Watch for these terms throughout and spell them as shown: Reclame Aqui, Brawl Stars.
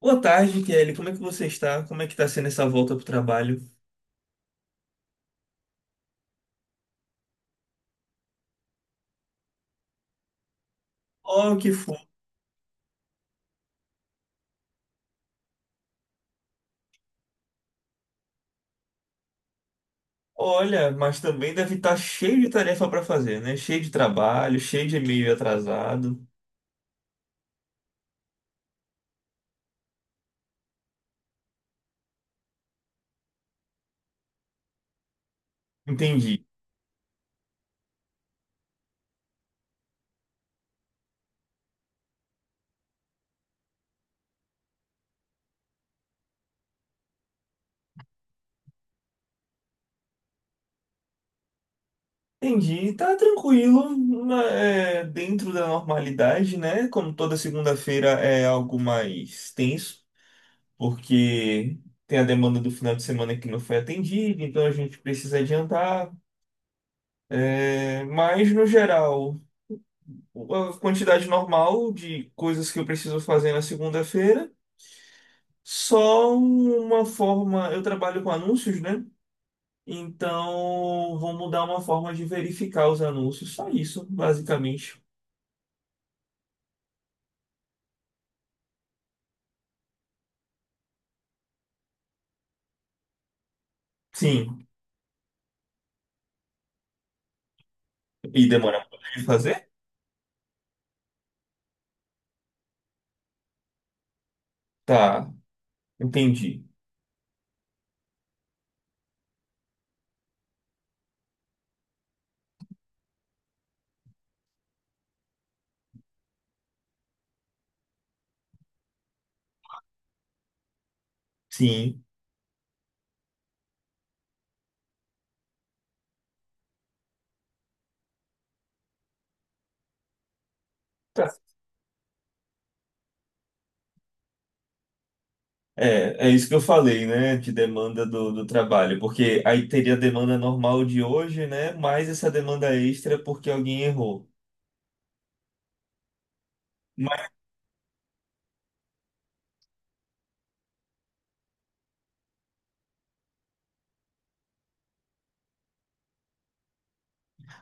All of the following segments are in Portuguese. Boa tarde, Kelly. Como é que você está? Como é que está sendo essa volta pro trabalho? Oh, que fofo. Olha, mas também deve estar cheio de tarefa para fazer, né? Cheio de trabalho, cheio de e-mail atrasado. Entendi. Entendi. Tá tranquilo, é, dentro da normalidade, né? Como toda segunda-feira é algo mais tenso, porque tem a demanda do final de semana que não foi atendida, então a gente precisa adiantar. É, mas no geral, a quantidade normal de coisas que eu preciso fazer na segunda-feira. Só uma forma, eu trabalho com anúncios, né? Então, vou mudar uma forma de verificar os anúncios. Só isso, basicamente. Sim. E demora muito de fazer? Tá, entendi. Sim. Tá. É, é isso que eu falei, né? De demanda do trabalho. Porque aí teria a demanda normal de hoje, né? Mais essa demanda extra porque alguém errou.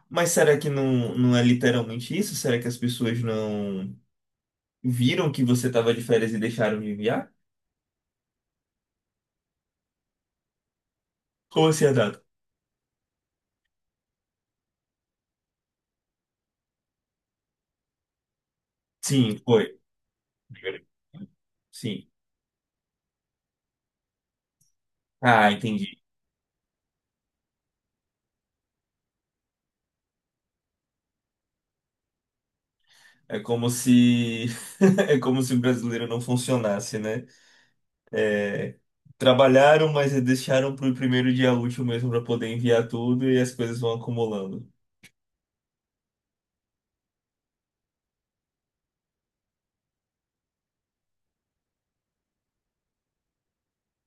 Mas será que não é literalmente isso? Será que as pessoas não viram que você estava de férias e deixaram de enviar? Como assim a data? Sim, foi. Sim. Ah, entendi. É como se é como se o brasileiro não funcionasse, né? É, trabalharam, mas deixaram para o primeiro dia útil mesmo para poder enviar tudo e as coisas vão acumulando.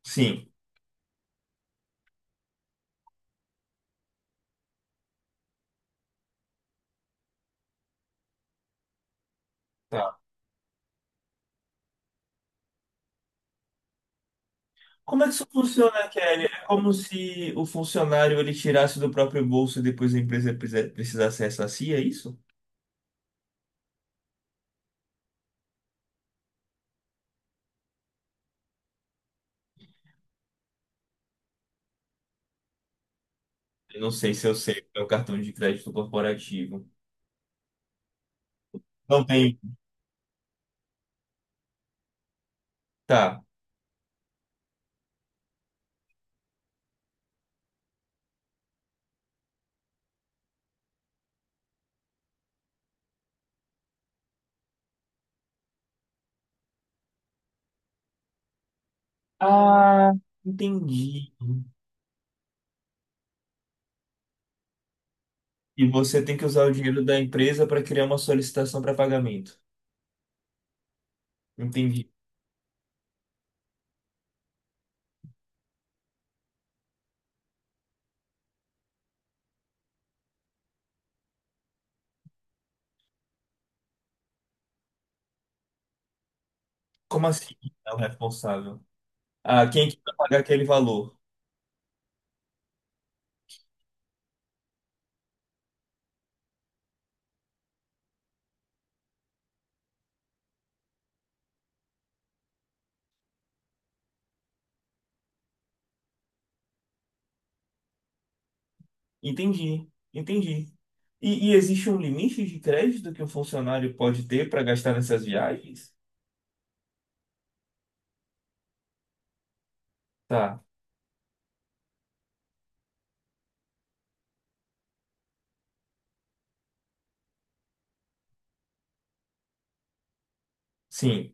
Sim. Tá. Como é que isso funciona, Kelly? É como se o funcionário ele tirasse do próprio bolso e depois a empresa precisasse ressarcir, é isso? Eu não sei se eu sei o que é o cartão de crédito corporativo. Não tem. Tá. Ah, entendi. E você tem que usar o dinheiro da empresa para criar uma solicitação para pagamento. Entendi. Como assim? É o responsável. Ah, quem é que vai pagar aquele valor? Entendi, entendi. E existe um limite de crédito que o funcionário pode ter para gastar nessas viagens? Tá, sim.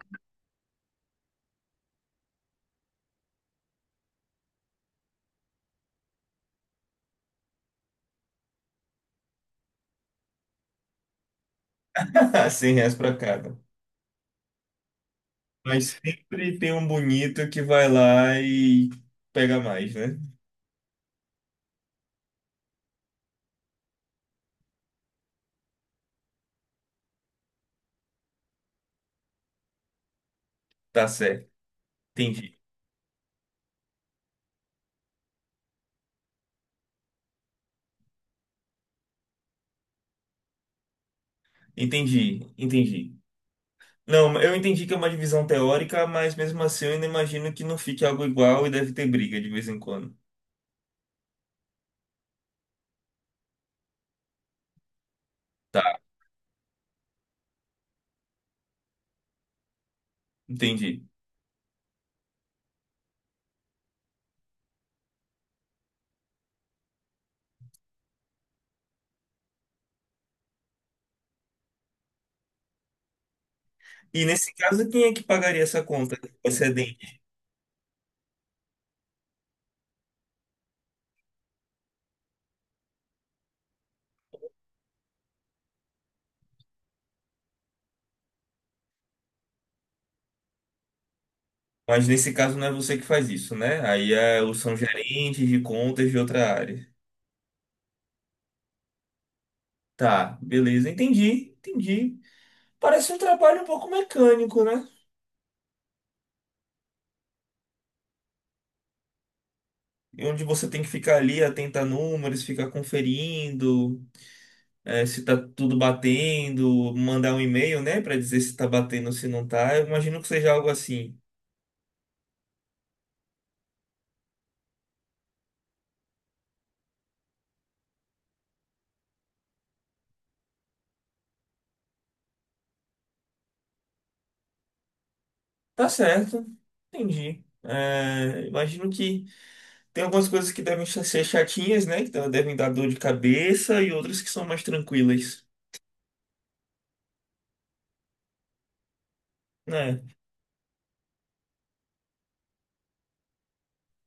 100 reais para cada. Mas sempre tem um bonito que vai lá e pega mais, né? Tá certo, entendi. Entendi, entendi. Não, eu entendi que é uma divisão teórica, mas mesmo assim eu ainda imagino que não fique algo igual e deve ter briga de vez em quando. Tá, entendi. E nesse caso, quem é que pagaria essa conta excedente? Mas nesse caso não é você que faz isso, né? Aí é, são gerentes de contas de outra área. Tá, beleza, entendi, entendi. Parece um trabalho um pouco mecânico, né? E onde você tem que ficar ali atento a números, ficar conferindo. É, se tá tudo batendo, mandar um e-mail, né, pra dizer se tá batendo ou se não tá. Eu imagino que seja algo assim. Tá certo, entendi. É, imagino que tem algumas coisas que devem ser chatinhas, né, que devem dar dor de cabeça e outras que são mais tranquilas, né?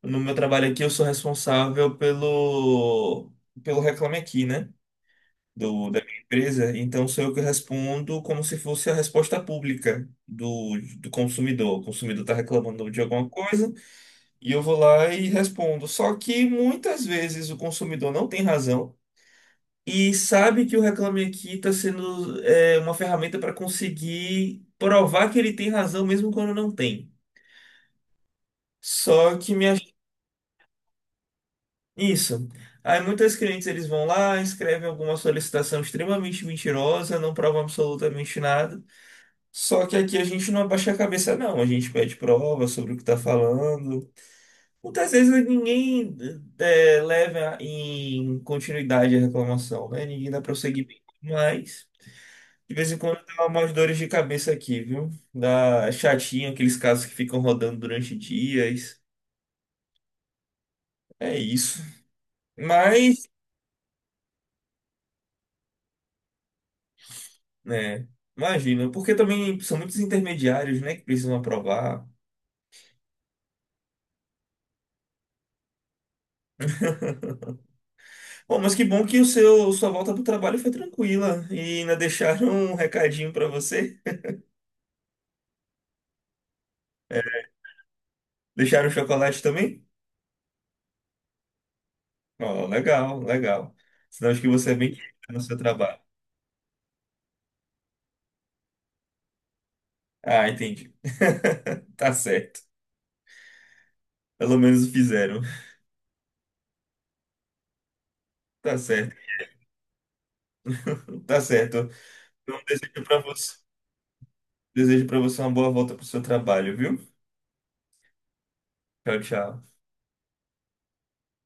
No meu trabalho aqui, eu sou responsável pelo Reclame Aqui, né? Da minha empresa, então sou eu que respondo como se fosse a resposta pública do consumidor. O consumidor está reclamando de alguma coisa, e eu vou lá e respondo. Só que muitas vezes o consumidor não tem razão e sabe que o Reclame Aqui está sendo é, uma ferramenta para conseguir provar que ele tem razão mesmo quando não tem. Só que me ach... isso. Aí muitos clientes eles vão lá, escrevem alguma solicitação extremamente mentirosa, não provam absolutamente nada. Só que aqui a gente não abaixa a cabeça, não. A gente pede prova sobre o que está falando. Muitas vezes ninguém é, leva em continuidade a reclamação, né? Ninguém dá prosseguimento. Mas, de vez em quando, dá umas dores de cabeça aqui, viu? Dá chatinho, aqueles casos que ficam rodando durante dias. É isso. Mas, né? Imagina, porque também são muitos intermediários, né, que precisam aprovar. Bom, mas que bom que sua volta para trabalho foi tranquila e ainda deixaram um recadinho para você. É, deixaram chocolate também? Ó, legal, legal. Sinal acho que você é bem querido no seu trabalho. Ah, entendi. Tá certo. Pelo menos fizeram. Tá certo. Tá certo. Então, desejo para você uma boa volta pro seu trabalho, viu? Tchau, tchau.